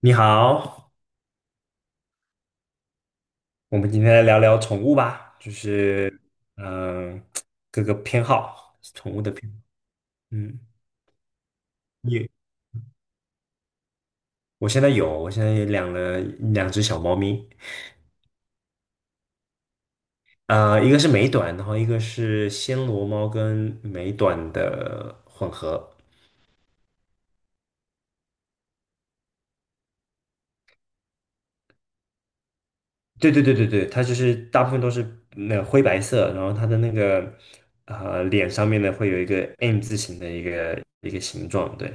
你好。我们今天来聊聊宠物吧，就是嗯、呃各个偏好，宠物的偏好。嗯，你我现在有，我现在也养了两只小猫咪。一个是美短，然后一个是暹罗猫跟美短的混合。对对对对对，它就是大部分都是那个灰白色，然后它的那个脸上面呢会有一个 M 字形的一个形状，对。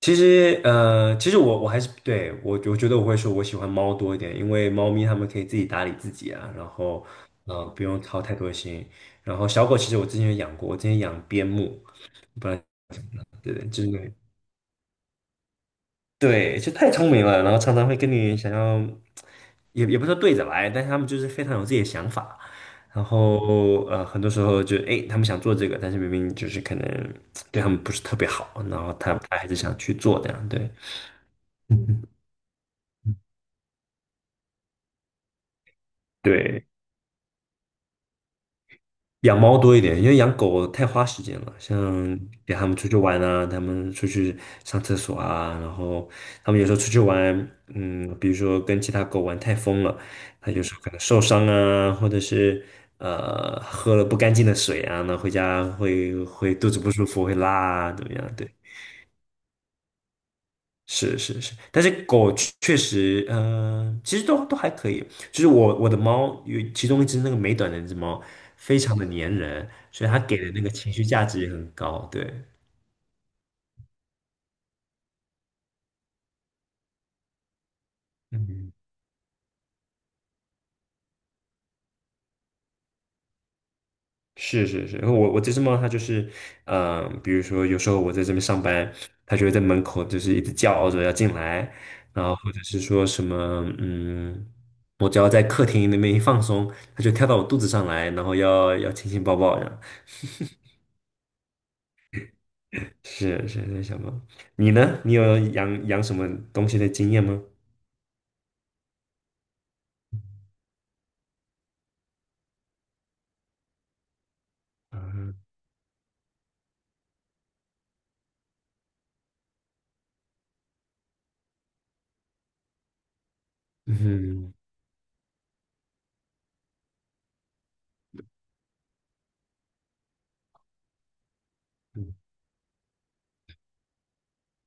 其实我还是对我，我觉得我会说我喜欢猫多一点，因为猫咪它们可以自己打理自己啊。然后不用操太多心。然后小狗其实我之前有养过，我之前养边牧。不然对就是那个对，就太聪明了，然后常常会跟你想要。也不是说对着来，但是他们就是非常有自己的想法。然后很多时候就诶，他们想做这个，但是明明就是可能对他们不是特别好，然后他还是想去做这样，对。嗯，对。养猫多一点，因为养狗太花时间了，像给他们出去玩啊，他们出去上厕所啊。然后他们有时候出去玩，嗯，比如说跟其他狗玩太疯了，他就时候可能受伤啊，或者是喝了不干净的水啊，那回家会肚子不舒服，会拉啊，怎么样？对。是是是，但是狗确实，其实都还可以。就是我的猫有其中一只那个美短的那只猫，非常的粘人，所以它给的那个情绪价值也很高。对，嗯。是是是。然后我这只猫它就是，比如说有时候我在这边上班，它就会在门口就是一直叫着要进来。然后或者是说什么，嗯，我只要在客厅那边一放松，它就跳到我肚子上来，然后要亲亲抱抱，样。是是在想猫。你呢？你有养养什么东西的经验吗？嗯嗯嗯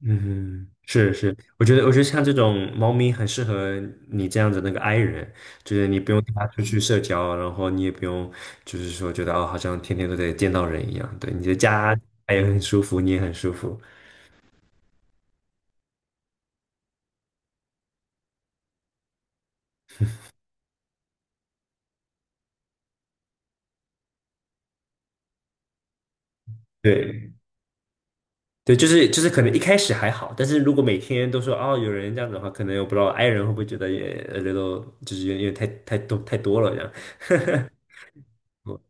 嗯，是是，我觉得像这种猫咪很适合你这样子那个 i 人，就是你不用带它出去社交，然后你也不用就是说觉得哦，好像天天都得见到人一样。对，你的家它也很舒服，你也很舒服。对对，就是可能一开始还好，但是如果每天都说哦有人这样子的话，可能我不知道 i 人会不会觉得也 a little 就是有点太多太多了这样。我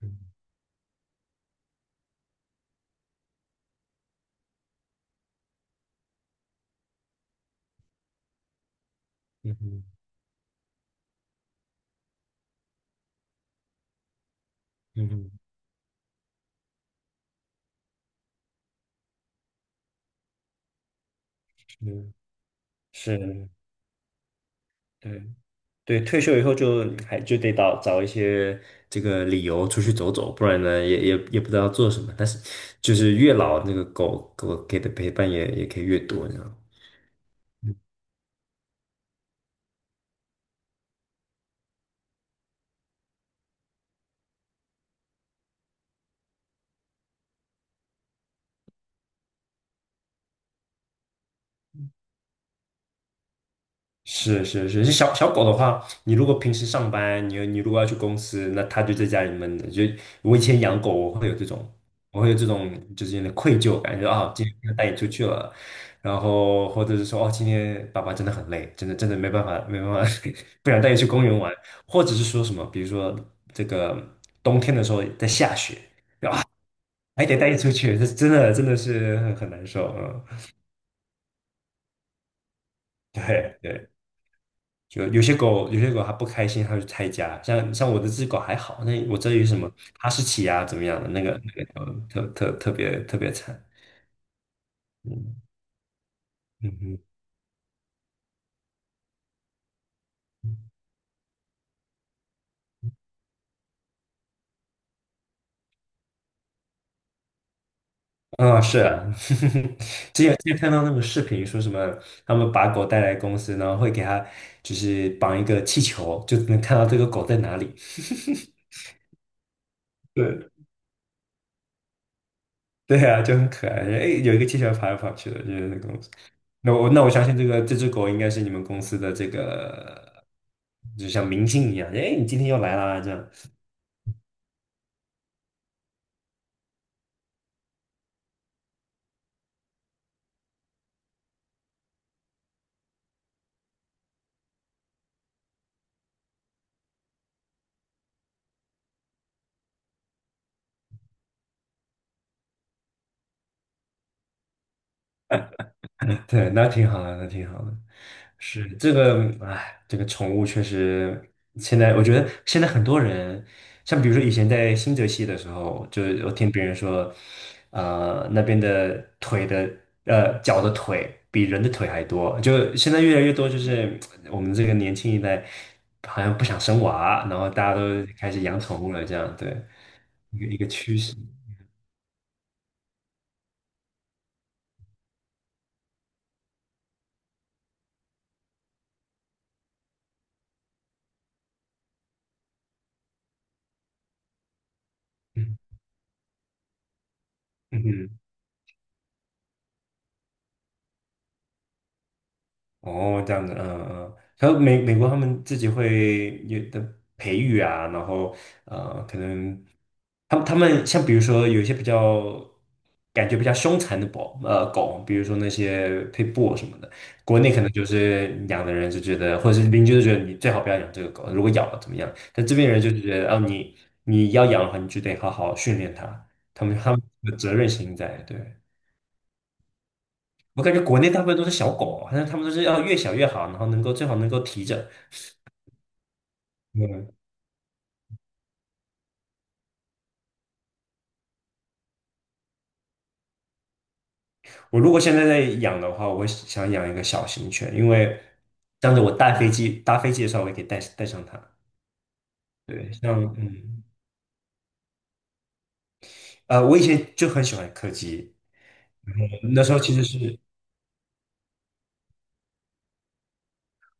嗯。嗯嗯嗯哼。是是，对对。退休以后就还就得找找一些这个理由出去走走，不然呢也不知道做什么。但是就是越老那个狗狗给的陪伴也可以越多。是是是。是小小狗的话，你如果平时上班，你如果要去公司，那它就在家里闷着。就我以前养狗，我会有这种，我会有这种就是有点愧疚感。就啊，今天不能带你出去了，然后或者是说哦，今天爸爸真的很累，真的真的没办法没办法，不想带你去公园玩，或者是说什么，比如说这个冬天的时候在下雪，还得带你出去，这真的真的是很难受。嗯，对对。就有些狗，有些狗它不开心，它就拆家。像我的这只狗还好，那我这里有什么哈士奇啊，怎么样的？那个特别特别惨。嗯嗯哼。啊、是啊。之前看到那个视频，说什么他们把狗带来公司，然后会给它就是绑一个气球，就能看到这个狗在哪里。对。对啊，就很可爱。哎，有一个气球跑来跑去的，就是那个公司。那我相信这个这只狗应该是你们公司的这个，就像明星一样。哎，你今天又来啦，这样。对，那挺好的，那挺好的。是这个。哎，这个宠物确实，现在我觉得现在很多人，像比如说以前在新泽西的时候，就是我听别人说，那边的腿的，脚的腿比人的腿还多，就现在越来越多，就是我们这个年轻一代好像不想生娃，然后大家都开始养宠物了，这样，对。一个趋势。嗯嗯哼。哦，这样子，嗯嗯。还有美国他们自己会有的培育啊。然后可能他们像比如说有一些比较感觉比较凶残的狗，比如说那些配 i t 什么的。国内可能嗯就是养的人就觉得，或者是邻居就觉得你最好不要养这个狗，如果咬了怎么样？但这边人就是觉得，哦，你要养的话，你就得好好训练它。他们的责任心在，对。我感觉国内大部分都是小狗，好像他们都是要越小越好，然后能够最好能够提着。嗯，我如果现在在养的话，我会想养一个小型犬，因为这样子我搭飞机的时候，我也可以带上它。对，像我以前就很喜欢柯基，那时候其实是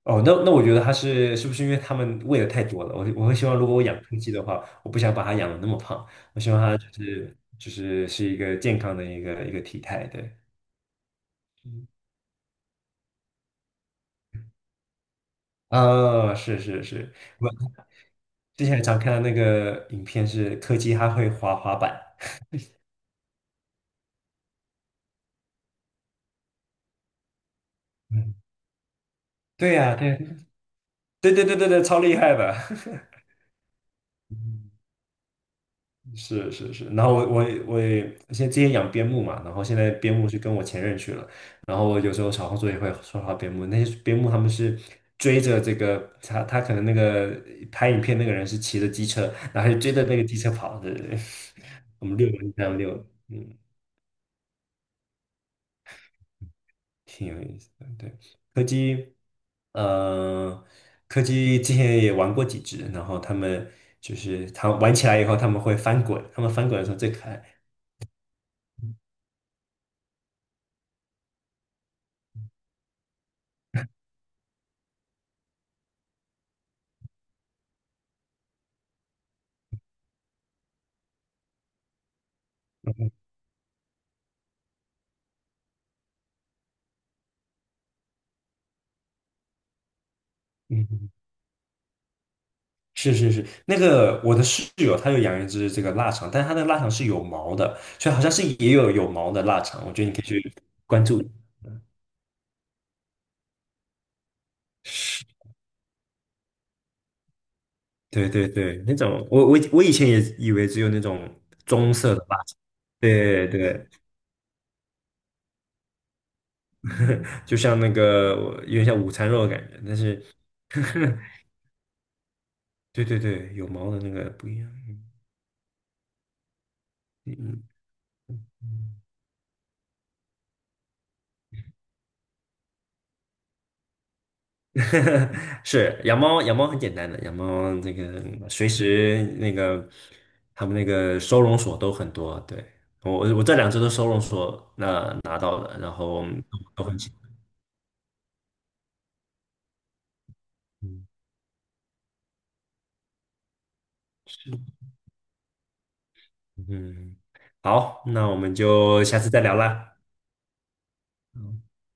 哦，那我觉得它是是不是因为它们喂的太多了？我会希望如果我养柯基的话，我不想把它养的那么胖，我希望它是一个健康的一个体态。对，嗯，是是是。我之前常看到那个影片是柯基，它会滑滑板。嗯，对呀、对对对对对对，超厉害的。嗯，是是是。然后我我也现在之前养边牧嘛，然后现在边牧是跟我前任去了。然后我有时候小红书也会刷到边牧，那些边牧他们是追着这个他可能那个拍影片那个人是骑着机车，然后就追着那个机车跑。对对对，我们遛狗就这样遛。嗯。挺有意思的。对，柯基，呃，柯基之前也玩过几只，然后他们就是它玩起来以后，他们会翻滚。他们翻滚的时候最可爱。嗯，是是是。那个我的室友他有养一只这个腊肠，但是他的腊肠是有毛的，所以好像是也有毛的腊肠，我觉得你可以去关注。对对对，那种我我以前也以为只有那种棕色的吧。对对，就像那个有点像午餐肉的感觉，但是 对对对，有毛的那个不一样。嗯。是养猫，养猫很简单的，养猫那个随时那个他们那个收容所都很多。对，我这两只都收容所那拿到了，然后都很喜欢。嗯，是，嗯，好，那我们就下次再聊啦。嗯